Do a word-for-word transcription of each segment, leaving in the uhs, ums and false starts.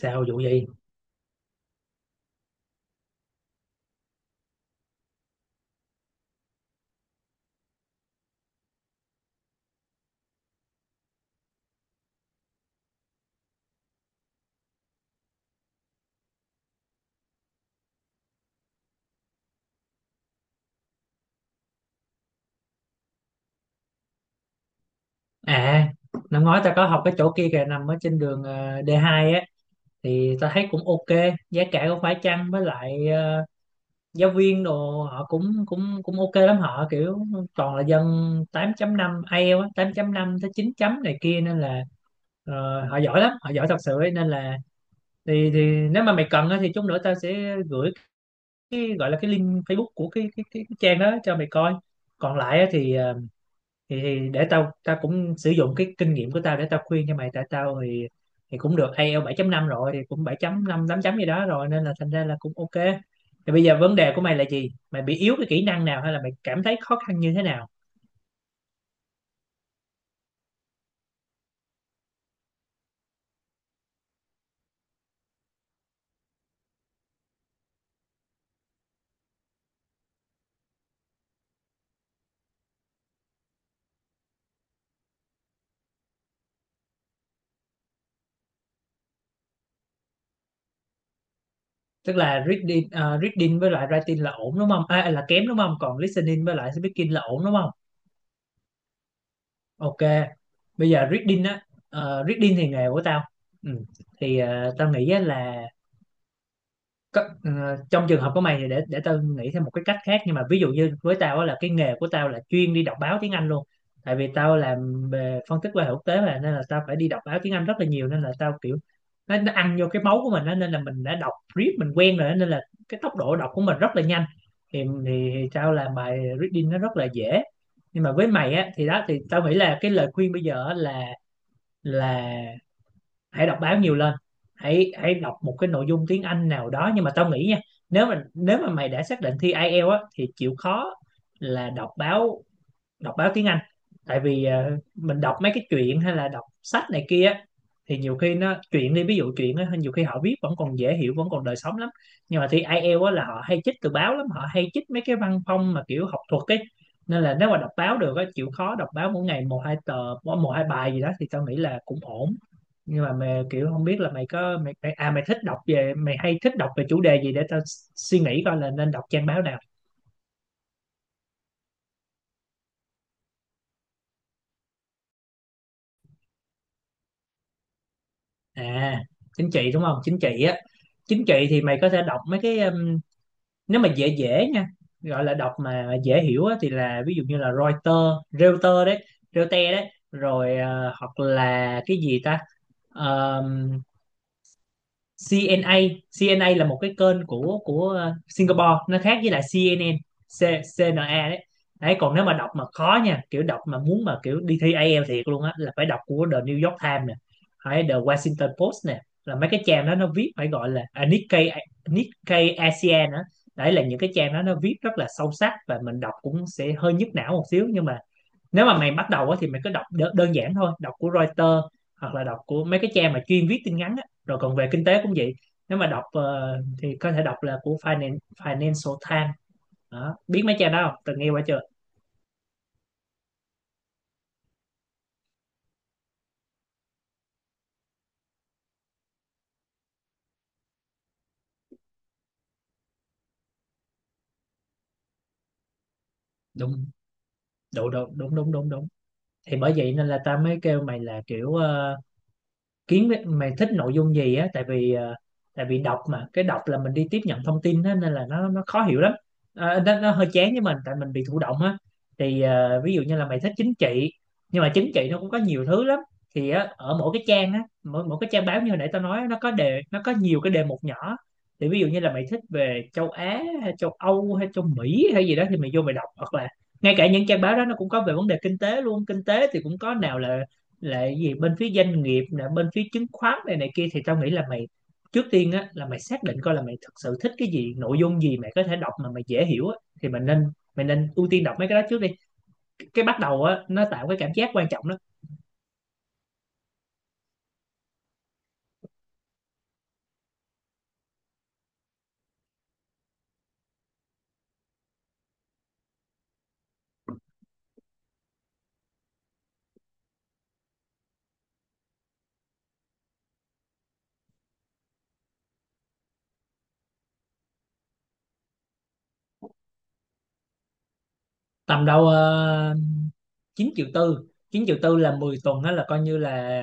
Sao, vụ gì? À, năm ngoái ta có học cái chỗ kia kìa, nằm ở trên đường ờ, đê hai á. Thì ta thấy cũng ok, giá cả cũng phải chăng, với lại ờ, giáo viên đồ họ cũng cũng cũng ok lắm. Họ kiểu toàn là dân tám chấm năm 5 ai eo á, tám chấm năm tới chín chấm này kia, nên là ờ, họ giỏi lắm, họ giỏi thật sự ấy. Nên là thì thì nếu mà mày cần á, thì chút nữa tao sẽ gửi cái gọi là cái link Facebook của cái cái cái, cái trang đó cho mày coi. Còn lại á, thì ờ, thì, thì để tao tao cũng sử dụng cái kinh nghiệm của tao để tao khuyên cho mày. Tại tao thì thì cũng được ai eo bảy chấm năm rồi, thì cũng bảy chấm năm tám chấm gì đó rồi, nên là thành ra là cũng ok. Thì bây giờ vấn đề của mày là gì? Mày bị yếu cái kỹ năng nào hay là mày cảm thấy khó khăn như thế nào? Tức là reading, ờ, reading với lại writing là ổn đúng không? À, là kém đúng không? Còn listening với lại speaking là ổn đúng không? Ok, bây giờ reading á, ờ, reading thì nghề của tao. Ừ. Thì ờ, tao nghĩ á là có, ờ, trong trường hợp của mày thì để để tao nghĩ thêm một cái cách khác. Nhưng mà ví dụ như với tao á, là cái nghề của tao là chuyên đi đọc báo tiếng Anh luôn, tại vì tao làm về phân tích quan hệ quốc tế mà, nên là tao phải đi đọc báo tiếng Anh rất là nhiều, nên là tao kiểu nó, nó ăn vô cái máu của mình á, nên là mình đã đọc read mình quen rồi á, nên là cái tốc độ đọc của mình rất là nhanh. Thì, thì, thì tao làm bài reading nó rất là dễ. Nhưng mà với mày á thì đó, thì tao nghĩ là cái lời khuyên bây giờ á là là hãy đọc báo nhiều lên. Hãy hãy đọc một cái nội dung tiếng Anh nào đó. Nhưng mà tao nghĩ nha, nếu mà nếu mà mày đã xác định thi ai eo á, thì chịu khó là đọc báo, đọc báo tiếng Anh. Tại vì ờ, mình đọc mấy cái truyện hay là đọc sách này kia á, thì nhiều khi nó truyện đi, ví dụ truyện á, nhiều khi họ viết vẫn còn dễ hiểu, vẫn còn đời sống lắm. Nhưng mà thi ai eo á, là họ hay chích từ báo lắm, họ hay chích mấy cái văn phong mà kiểu học thuật ấy. Nên là nếu mà đọc báo được á, chịu khó đọc báo mỗi ngày một hai tờ, một hai bài gì đó, thì tao nghĩ là cũng ổn. Nhưng mà mày, kiểu không biết là mày có mày, mày à mày thích đọc về mày hay thích đọc về chủ đề gì để tao suy nghĩ coi là nên đọc trang báo nào. À, chính trị đúng không? Chính trị á, chính trị thì mày có thể đọc mấy cái um, nếu mà dễ dễ nha, gọi là đọc mà dễ hiểu á, thì là ví dụ như là Reuters Reuters đấy. Reuters đấy. Rồi ờ, hoặc là cái gì ta, xê en a. xê en a là một cái kênh của của ờ, Singapore, nó khác với lại xê en en. C, xê en a đấy. Đấy, còn nếu mà đọc mà khó nha, kiểu đọc mà muốn mà kiểu đi thi ai eo thiệt luôn á, là phải đọc của The New York Times nè, hay The Washington Post nè, là mấy cái trang đó nó viết phải gọi là à, Nikkei. Nikkei a sê an á, đấy là những cái trang đó, nó viết rất là sâu sắc và mình đọc cũng sẽ hơi nhức não một xíu. Nhưng mà nếu mà mày bắt đầu á, thì mày cứ đọc đơn, đơn giản thôi, đọc của Reuters hoặc là đọc của mấy cái trang mà chuyên viết tin ngắn á. Rồi còn về kinh tế cũng vậy, nếu mà đọc ờ, thì có thể đọc là của Finan- Financial Times. Đó, biết mấy trang đó không, từng nghe qua chưa? Đúng, đúng đúng đúng đúng đúng đúng Thì bởi vậy nên là ta mới kêu mày là kiểu ờ, kiếm cái- mày thích nội dung gì á. Tại vì ờ, tại vì đọc mà cái đọc là mình đi tiếp nhận thông tin á, nên là nó nó khó hiểu lắm. À, nó, nó hơi chán với mình, tại mình bị thụ động á. Thì ờ, ví dụ như là mày thích chính trị, nhưng mà chính trị nó cũng có nhiều thứ lắm, thì á, ở mỗi cái trang á, mỗi mỗi cái trang báo như hồi nãy tao nói á, nó có đề, nó có nhiều cái đề mục nhỏ. Thì ví dụ như là mày thích về châu Á hay châu Âu hay châu Mỹ hay gì đó, thì mày vô mày đọc, hoặc là ngay cả những trang báo đó nó cũng có về vấn đề kinh tế luôn. Kinh tế thì cũng có nào là lại gì bên phía doanh nghiệp nè, bên phía chứng khoán này này kia. Thì tao nghĩ là mày trước tiên á, là mày xác định coi là mày thực sự thích cái gì, nội dung gì mày có thể đọc mà mày dễ hiểu á, thì mày nên mày nên ưu tiên đọc mấy cái đó trước đi, cái bắt đầu á nó tạo cái cảm giác quan trọng đó. Tầm đâu ờ, chín triệu tư. Chín triệu tư là mười tuần, đó là coi như là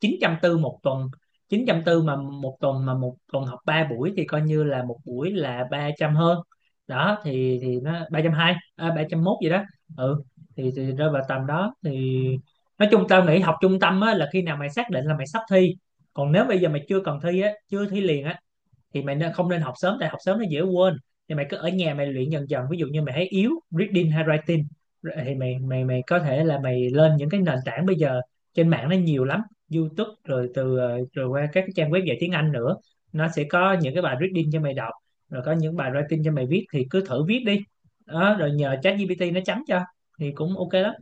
chín trăm tư một tuần. Chín trăm tư mà một tuần, mà một tuần học ba buổi, thì coi như là một buổi là ba trăm hơn. Đó, thì thì nó ba trăm hai, à, ba trăm ba không một gì đó. Ừ, thì, thì rơi vào tầm đó. Thì nói chung tao nghĩ học trung tâm á, là khi nào mày xác định là mày sắp thi. Còn nếu bây giờ mày chưa cần thi á, chưa thi liền á, thì mày nên không nên học sớm, tại học sớm nó dễ quên. Thì mày cứ ở nhà mày luyện dần dần, ví dụ như mày thấy yếu reading hay writing, thì mày mày mày có thể là mày lên những cái nền tảng bây giờ, trên mạng nó nhiều lắm. YouTube rồi từ ờ, rồi qua các cái trang web dạy tiếng Anh nữa, nó sẽ có những cái bài reading cho mày đọc, rồi có những bài writing cho mày viết, thì cứ thử viết đi. Đó, rồi nhờ ChatGPT nó chấm cho, thì cũng ok lắm.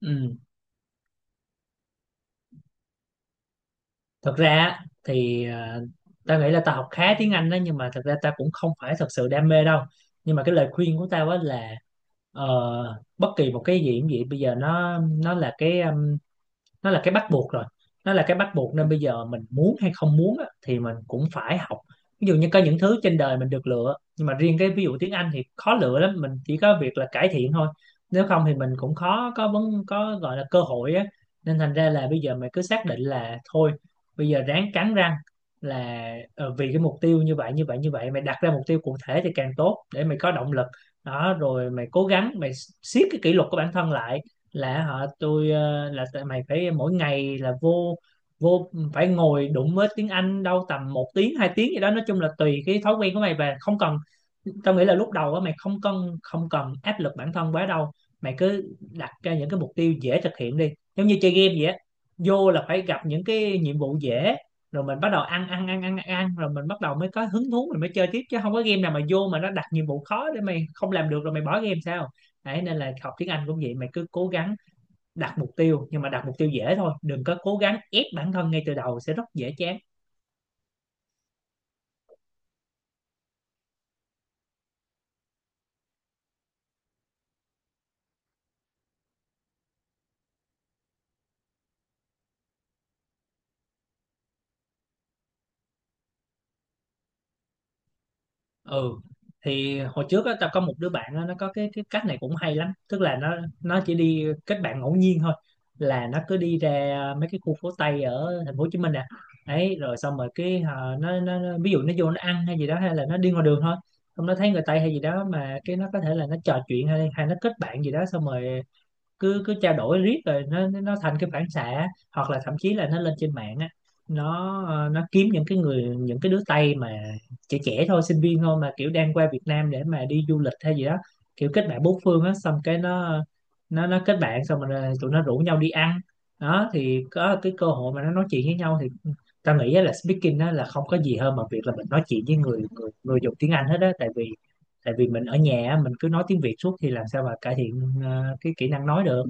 Ừ. Thật ra á, thì à, ta nghĩ là ta học khá tiếng Anh đó, nhưng mà thật ra ta cũng không phải thật sự đam mê đâu. Nhưng mà cái lời khuyên của tao á là ờ, bất kỳ một cái gì cũng vậy, bây giờ nó nó là cái nó là cái bắt buộc rồi. Nó là cái bắt buộc, nên bây giờ mình muốn hay không muốn á, thì mình cũng phải học. Ví dụ như có những thứ trên đời mình được lựa, nhưng mà riêng cái ví dụ tiếng Anh thì khó lựa lắm, mình chỉ có việc là cải thiện thôi. Nếu không thì mình cũng khó có vấn, có gọi là cơ hội á. Nên thành ra là bây giờ mình cứ xác định là thôi, bây giờ ráng cắn răng là ờ, vì cái mục tiêu như vậy như vậy như vậy. Mày đặt ra mục tiêu cụ thể thì càng tốt để mày có động lực. Đó, rồi mày cố gắng, mày siết cái kỷ luật của bản thân lại, là họ tôi ờ, là tại mày phải mỗi ngày là vô vô phải ngồi đụng với tiếng Anh đâu tầm một tiếng hai tiếng gì đó, nói chung là tùy cái thói quen của mày. Và không cần, tao nghĩ là lúc đầu á mày không cần không cần áp lực bản thân quá đâu. Mày cứ đặt ra những cái mục tiêu dễ thực hiện đi, giống như chơi game vậy á, vô là phải gặp những cái nhiệm vụ dễ, rồi mình bắt đầu ăn ăn ăn ăn ăn rồi mình bắt đầu mới có hứng thú, mình mới chơi tiếp. Chứ không có game nào mà vô mà nó đặt nhiệm vụ khó để mày không làm được rồi mày bỏ game sao. Đấy, nên là học tiếng Anh cũng vậy, mày cứ cố gắng đặt mục tiêu, nhưng mà đặt mục tiêu dễ thôi, đừng có cố gắng ép bản thân ngay từ đầu, sẽ rất dễ chán. Ừ. Thì hồi trước á, tao có một đứa bạn á, nó có cái cái cách này cũng hay lắm, tức là nó nó chỉ đi kết bạn ngẫu nhiên thôi, là nó cứ đi ra mấy cái khu phố Tây ở thành phố Hồ Chí Minh nè. Ấy rồi xong rồi cái ờ, nó, nó nó- ví dụ nó vô nó ăn hay gì đó, hay là nó đi ngoài đường thôi, xong nó thấy người Tây hay gì đó mà cái nó có thể là nó trò chuyện hay hay nó kết bạn gì đó, xong rồi cứ cứ trao đổi riết rồi nó nó thành cái phản xạ. Hoặc là thậm chí là nó lên trên mạng á, nó ờ, nó kiếm những cái người, những cái đứa Tây mà trẻ trẻ thôi, sinh viên thôi, mà kiểu đang qua Việt Nam để mà đi du lịch hay gì đó, kiểu kết bạn bốn phương á, xong cái nó nó nó kết bạn xong rồi tụi nó rủ nhau đi ăn. Đó thì có cái cơ hội mà nó nói chuyện với nhau. Thì ta nghĩ á là speaking á là không có gì hơn mà việc là mình nói chuyện với người người người dùng tiếng Anh hết á. Tại vì tại vì mình ở nhà á, mình cứ nói tiếng Việt suốt thì làm sao mà cải thiện ờ, cái kỹ năng nói được.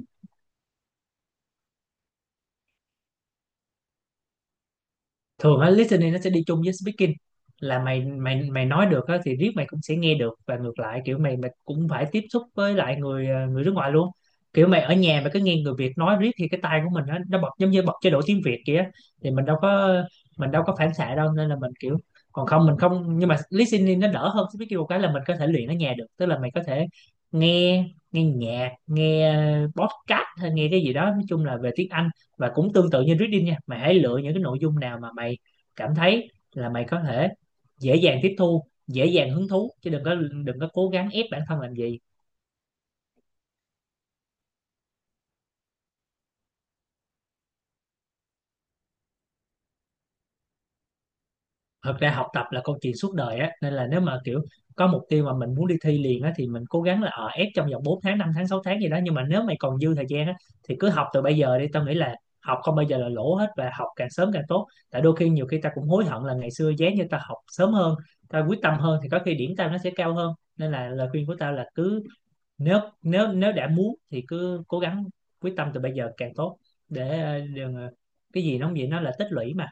Thường á listening nó sẽ đi chung với speaking, là mày mày mày nói được á thì riết mày cũng sẽ nghe được, và ngược lại kiểu mày mày cũng phải tiếp xúc với lại người ờ, người nước ngoài luôn. Kiểu mày ở nhà mày cứ nghe người Việt nói riết thì cái tai của mình á nó bật giống như bật chế độ tiếng Việt kia, thì mình đâu có, mình đâu có phản xạ đâu, nên là mình kiểu còn không mình không. Nhưng mà listening nó đỡ hơn speaking một cái là mình có thể luyện ở nhà được, tức là mày có thể nghe nghe nhạc, nghe ờ, podcast hay nghe cái gì đó nói chung là về tiếng Anh. Và cũng tương tự như reading nha, mày hãy lựa những cái nội dung nào mà mày cảm thấy là mày có thể dễ dàng tiếp thu, dễ dàng hứng thú, chứ đừng có đừng có cố gắng ép bản thân làm gì. Thật ra học tập là câu chuyện suốt đời á, nên là nếu mà kiểu có mục tiêu mà mình muốn đi thi liền á thì mình cố gắng là ở ép trong vòng bốn tháng, năm tháng, sáu tháng gì đó. Nhưng mà nếu mày còn dư thời gian á thì cứ học từ bây giờ đi. Tao nghĩ là học không bao giờ là lỗ hết, và học càng sớm càng tốt, tại đôi khi nhiều khi ta cũng hối hận là ngày xưa giá như ta học sớm hơn, ta quyết tâm hơn thì có khi điểm tao nó sẽ cao hơn. Nên là lời khuyên của tao là cứ, nếu nếu nếu đã muốn thì cứ cố gắng quyết tâm từ bây giờ càng tốt, để ờ, đừng ờ, cái gì nó cũng vậy, nó là tích lũy mà.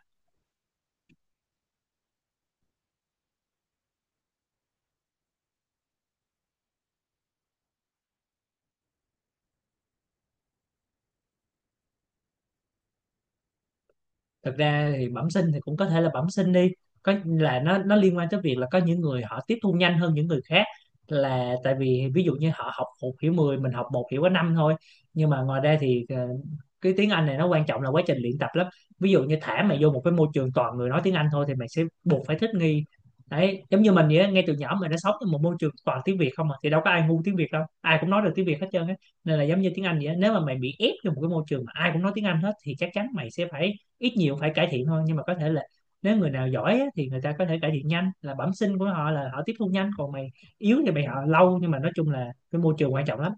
Thật ra thì bẩm sinh thì cũng có thể là bẩm sinh đi, có là nó nó liên quan tới việc là có những người họ tiếp thu nhanh hơn những người khác, là tại vì ví dụ như họ học một hiểu mười, mình học một hiểu có năm thôi. Nhưng mà ngoài ra thì ờ, cái tiếng Anh này nó quan trọng là quá trình luyện tập lắm. Ví dụ như thả mày vô một cái môi trường toàn người nói tiếng Anh thôi thì mày sẽ buộc phải thích nghi. Đấy, giống như mình vậy á, ngay từ nhỏ mình đã sống trong một môi trường toàn tiếng Việt không mà, thì đâu có ai ngu tiếng Việt đâu, ai cũng nói được tiếng Việt hết trơn á. Nên là giống như tiếng Anh vậy á, nếu mà mày bị ép vô một cái môi trường mà ai cũng nói tiếng Anh hết thì chắc chắn mày sẽ phải ít nhiều phải cải thiện thôi. Nhưng mà có thể là nếu người nào giỏi á thì người ta có thể cải thiện nhanh, là bẩm sinh của họ là họ tiếp thu nhanh, còn mày yếu thì mày họ lâu. Nhưng mà nói chung là cái môi trường quan trọng lắm.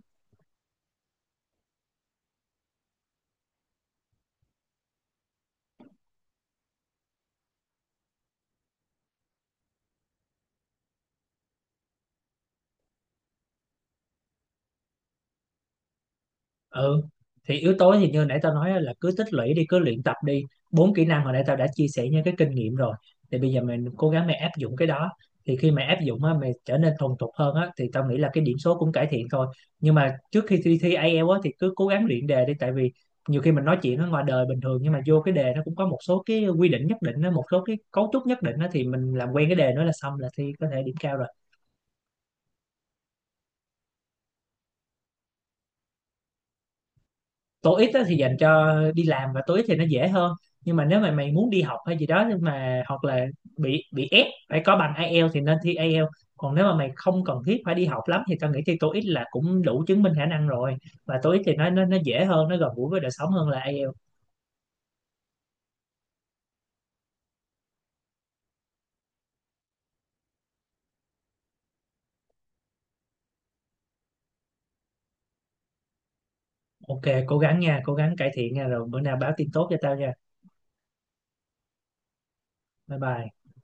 Ừ, thì yếu tố thì như nãy tao nói á, là cứ tích lũy đi, cứ luyện tập đi. Bốn kỹ năng hồi nãy tao đã chia sẻ những cái kinh nghiệm rồi, thì bây giờ mình cố gắng, mày áp dụng cái đó, thì khi mày áp dụng á, mày trở nên thuần thục hơn á, thì tao nghĩ là cái điểm số cũng cải thiện thôi. Nhưng mà trước khi thi thi ai eo á thì cứ cố gắng luyện đề đi, tại vì nhiều khi mình nói chuyện ở ngoài đời bình thường nhưng mà vô cái đề nó cũng có một số cái quy định nhất định á, một số cái cấu trúc nhất định á, thì mình làm quen cái đề nó là xong, là thi có thể điểm cao rồi. Tối ít á thì dành cho đi làm, và tối ít thì nó dễ hơn. Nhưng mà nếu mà mày muốn đi học hay gì đó, nhưng mà hoặc là bị bị ép phải có bằng ai eo thì nên thi ai eo. Còn nếu mà mày không cần thiết phải đi học lắm thì tao nghĩ thi tối ít là cũng đủ chứng minh khả năng rồi. Và tối ít thì nó nó nó dễ hơn, nó gần gũi với đời sống hơn là ai eo. OK, cố gắng nha, cố gắng cải thiện nha, rồi bữa nào báo tin tốt cho tao nha. Bye bye.